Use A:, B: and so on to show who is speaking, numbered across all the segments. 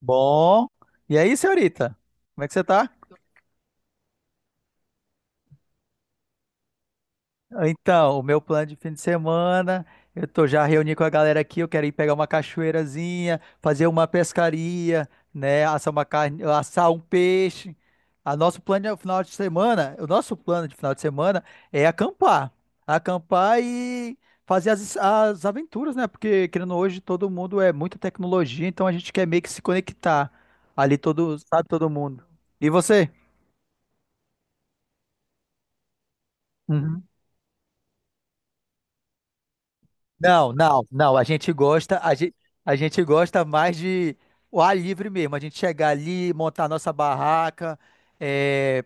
A: Bom. E aí, senhorita? Como é que você tá? Então, o meu plano de fim de semana, eu tô já reuni com a galera aqui, eu quero ir pegar uma cachoeirazinha, fazer uma pescaria, né, assar uma carne, assar um peixe. A nosso plano de final de semana, o nosso plano de final de semana é acampar. Acampar e fazer as aventuras, né? Porque querendo hoje todo mundo é muita tecnologia, então a gente quer meio que se conectar ali todo, sabe, todo mundo. E você? Uhum. Não, não, não. A gente gosta mais de o ar livre mesmo. A gente chegar ali, montar nossa barraca, é,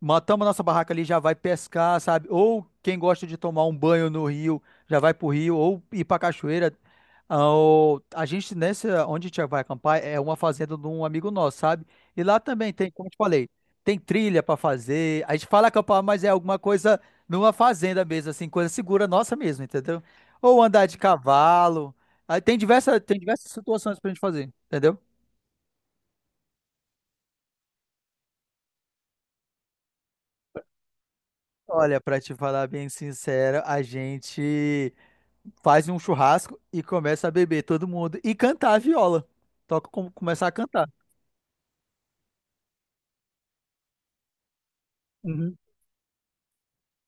A: matamos nossa barraca ali, já vai pescar, sabe? Ou quem gosta de tomar um banho no rio, já vai pro rio, ou ir pra cachoeira. Ah, a gente, nessa, onde a gente vai acampar, é uma fazenda de um amigo nosso, sabe? E lá também tem, como eu te falei, tem trilha pra fazer. A gente fala acampar, mas é alguma coisa numa fazenda mesmo, assim, coisa segura nossa mesmo, entendeu? Ou andar de cavalo. Aí tem tem diversas situações pra gente fazer, entendeu? Olha, pra te falar bem sincero, a gente. Faz um churrasco e começa a beber todo mundo e cantar a viola. Toca como começar a cantar. Uhum.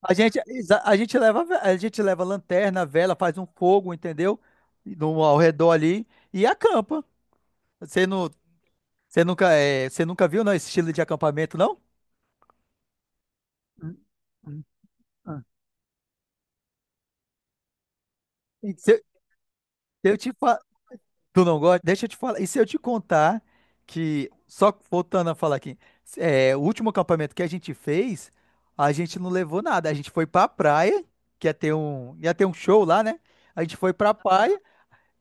A: A gente, a gente leva lanterna, vela, faz um fogo, entendeu? No, ao redor ali e acampa. Você não, você nunca, você nunca viu, não, esse estilo de acampamento, não? Uhum. Ah. Se eu te, tu não gosta? Deixa eu te falar. E se eu te contar que, só voltando a falar aqui, o último acampamento que a gente fez, a gente não levou nada. A gente foi pra praia, que ia ter um show lá, né? A gente foi pra praia.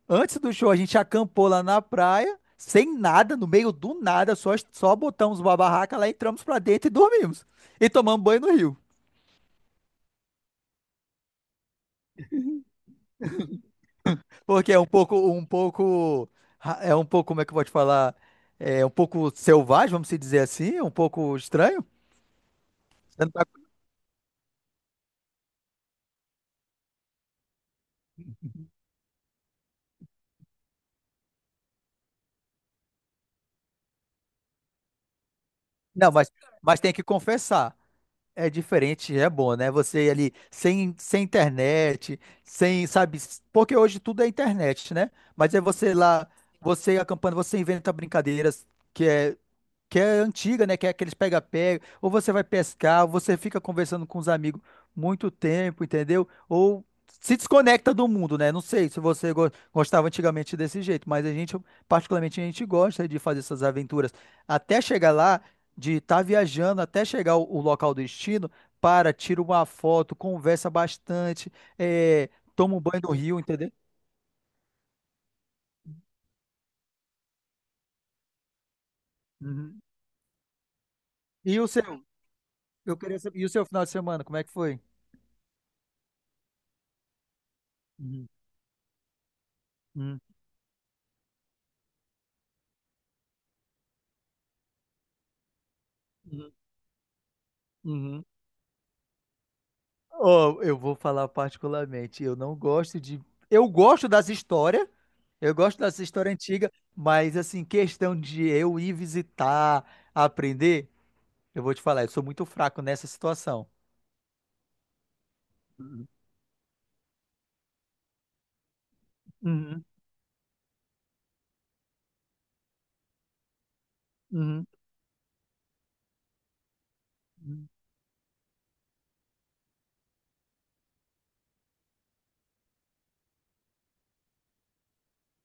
A: Antes do show, a gente acampou lá na praia, sem nada, no meio do nada, só botamos uma barraca lá, entramos pra dentro e dormimos. E tomamos banho no rio. Porque é é um pouco, como é que eu vou te falar? É um pouco selvagem, vamos se dizer assim, um pouco estranho. Você Não, tá- não, mas tem que confessar. É diferente, é bom, né? Você ali sem, sem internet, sem, sabe? Porque hoje tudo é internet, né? Mas é você lá, você acampando, você inventa brincadeiras que é que é antiga, né? Que é aqueles pega-pega, ou você vai pescar, ou você fica conversando com os amigos muito tempo, entendeu? Ou se desconecta do mundo, né? Não sei se você gostava antigamente desse jeito, mas a gente, particularmente, a gente gosta de fazer essas aventuras até chegar lá, de estar viajando, até chegar ao, ao local do destino, para, tira uma foto, conversa bastante, é, toma um banho no rio, entendeu? Uhum. E o seu? Eu queria saber, e o seu final de semana, como é que foi? Uhum. Uhum. Uhum. Uhum. Ó, eu vou falar particularmente, eu não gosto de. Eu gosto das histórias, eu gosto das histórias antigas, mas assim, questão de eu ir visitar, aprender, eu vou te falar, eu sou muito fraco nessa situação. Uhum, uhum, uhum.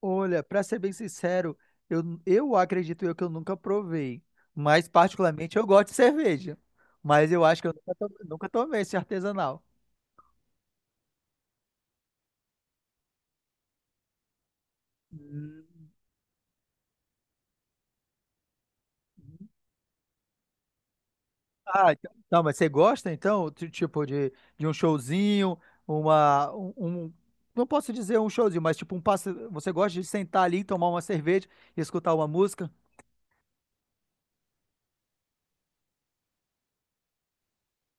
A: Olha, pra ser bem sincero, eu acredito eu que eu nunca provei, mas particularmente eu gosto de cerveja, mas eu acho que eu nunca, nunca tomei esse artesanal. Ah, então, tá, mas você gosta então, tipo, de um showzinho, uma, um, um- não posso dizer um showzinho, mas tipo um passe, você gosta de sentar ali, tomar uma cerveja e escutar uma música?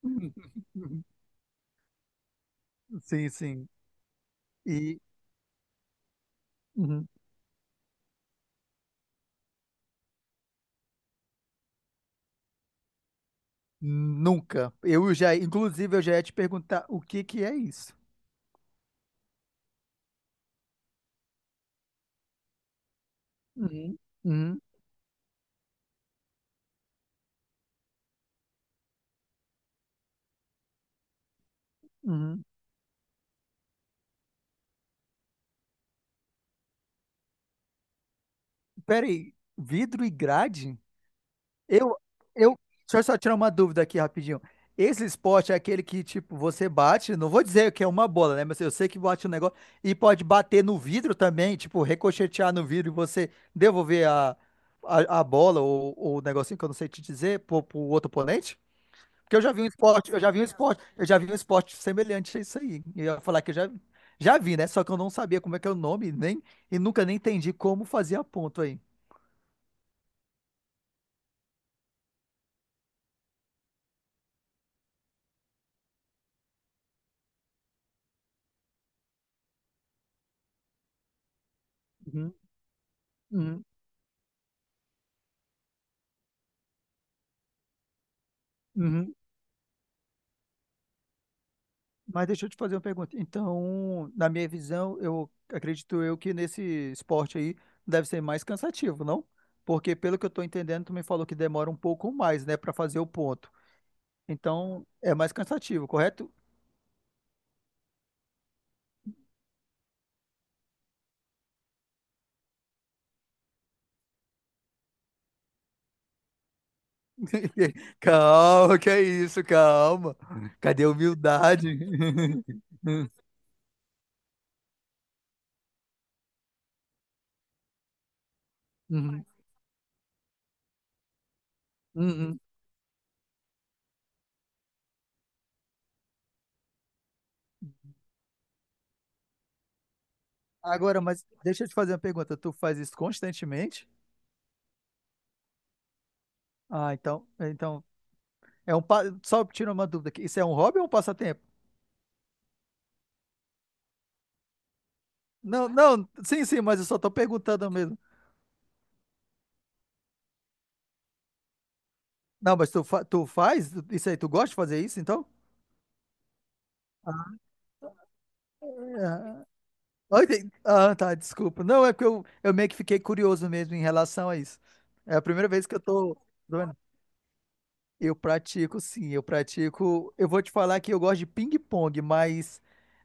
A: Uhum. Sim, sim. E uhum. Nunca. Eu já, inclusive, eu já ia te perguntar o que que é isso. Uhum. Uhum. Uhum. Peraí, vidro e grade? Eu, eu, deixa eu só tirar uma dúvida aqui rapidinho. Esse esporte é aquele que, tipo, você bate, não vou dizer que é uma bola, né? Mas eu sei que bate um negócio e pode bater no vidro também, tipo, ricochetear no vidro e você devolver a bola ou o negocinho que eu não sei te dizer pro, pro outro oponente? Porque eu já vi um esporte, eu já vi um esporte, eu já vi um esporte semelhante a isso aí. E eu ia falar que eu já, já vi, né? Só que eu não sabia como é que é o nome, nem, e nunca nem entendi como fazer a ponto aí. Uhum, uhum, uhum. Mas deixa eu te fazer uma pergunta. Então, na minha visão, eu acredito eu que nesse esporte aí deve ser mais cansativo, não? Porque pelo que eu tô entendendo, tu me falou que demora um pouco mais, né, para fazer o ponto. Então, é mais cansativo, correto? Calma, que é isso, calma. Cadê a humildade? Uhum, uhum. Agora, mas deixa eu te fazer uma pergunta. Tu faz isso constantemente? Ah, então é um só tira uma dúvida aqui. Isso é um hobby ou um passatempo? Não, não, sim, sim, mas eu só tô perguntando mesmo. Não, mas tu, tu faz isso aí, tu gosta de fazer isso, então? Ah, ah, entendi. Ah, tá, desculpa. Não, é porque eu meio que fiquei curioso mesmo em relação a isso. É a primeira vez que eu tô. Doendo. Eu pratico, sim, eu pratico. Eu vou te falar que eu gosto de ping-pong, mas,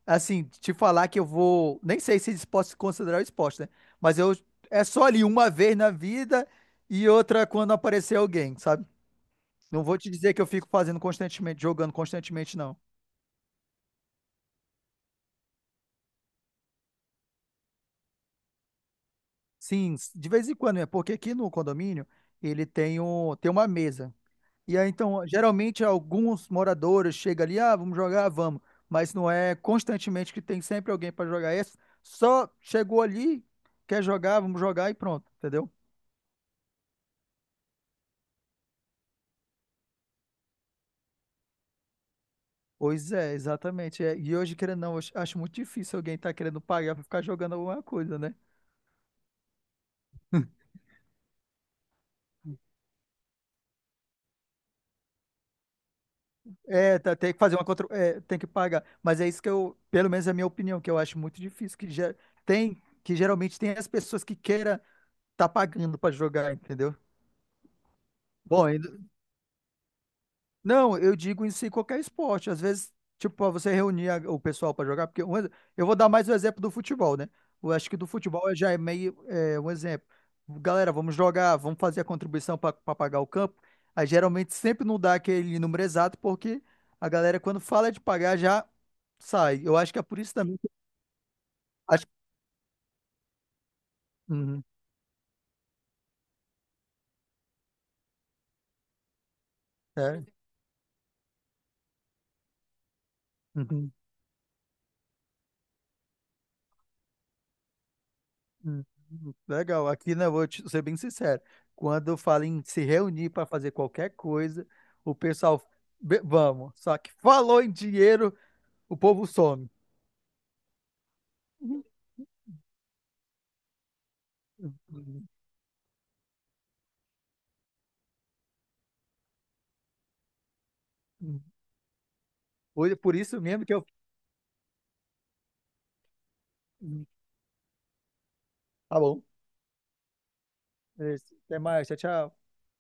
A: assim, te falar que eu vou. Nem sei se isso pode se considerar esporte, né? Mas eu. É só ali uma vez na vida e outra quando aparecer alguém, sabe? Não vou te dizer que eu fico fazendo constantemente, jogando constantemente, não. Sim, de vez em quando, é porque aqui no condomínio ele tem, um, tem uma mesa. E aí, então, geralmente alguns moradores chegam ali, ah, vamos jogar, vamos. Mas não é constantemente que tem sempre alguém para jogar isso. Só chegou ali, quer jogar, vamos jogar e pronto, entendeu? Pois é, exatamente. É. E hoje, querendo ou não, eu acho muito difícil alguém estar querendo pagar para ficar jogando alguma coisa, né? Tem que fazer uma contra... é, tem que pagar. Mas é isso que eu, pelo menos é a minha opinião, que eu acho muito difícil, que já tem, que geralmente tem as pessoas que queira tá pagando para jogar, entendeu? Bom, não, eu digo em si qualquer esporte. Às vezes, tipo, pra você reunir o pessoal para jogar, porque eu vou dar mais o exemplo do futebol, né? Eu acho que do futebol já é meio é, um exemplo. Galera, vamos jogar, vamos fazer a contribuição para pagar o campo. Aí geralmente sempre não dá aquele número exato, porque a galera, quando fala de pagar, já sai. Eu acho que é por isso também. Que- Acho... Uhum, é. Uhum. Hum, legal. Aqui, né, eu vou ser bem sincero. Quando eu falo em se reunir para fazer qualquer coisa, o pessoal, vamos. Só que falou em dinheiro, o povo some. Por isso mesmo que eu. Tá bom. Beleza. Até mais. Tchau, tchau.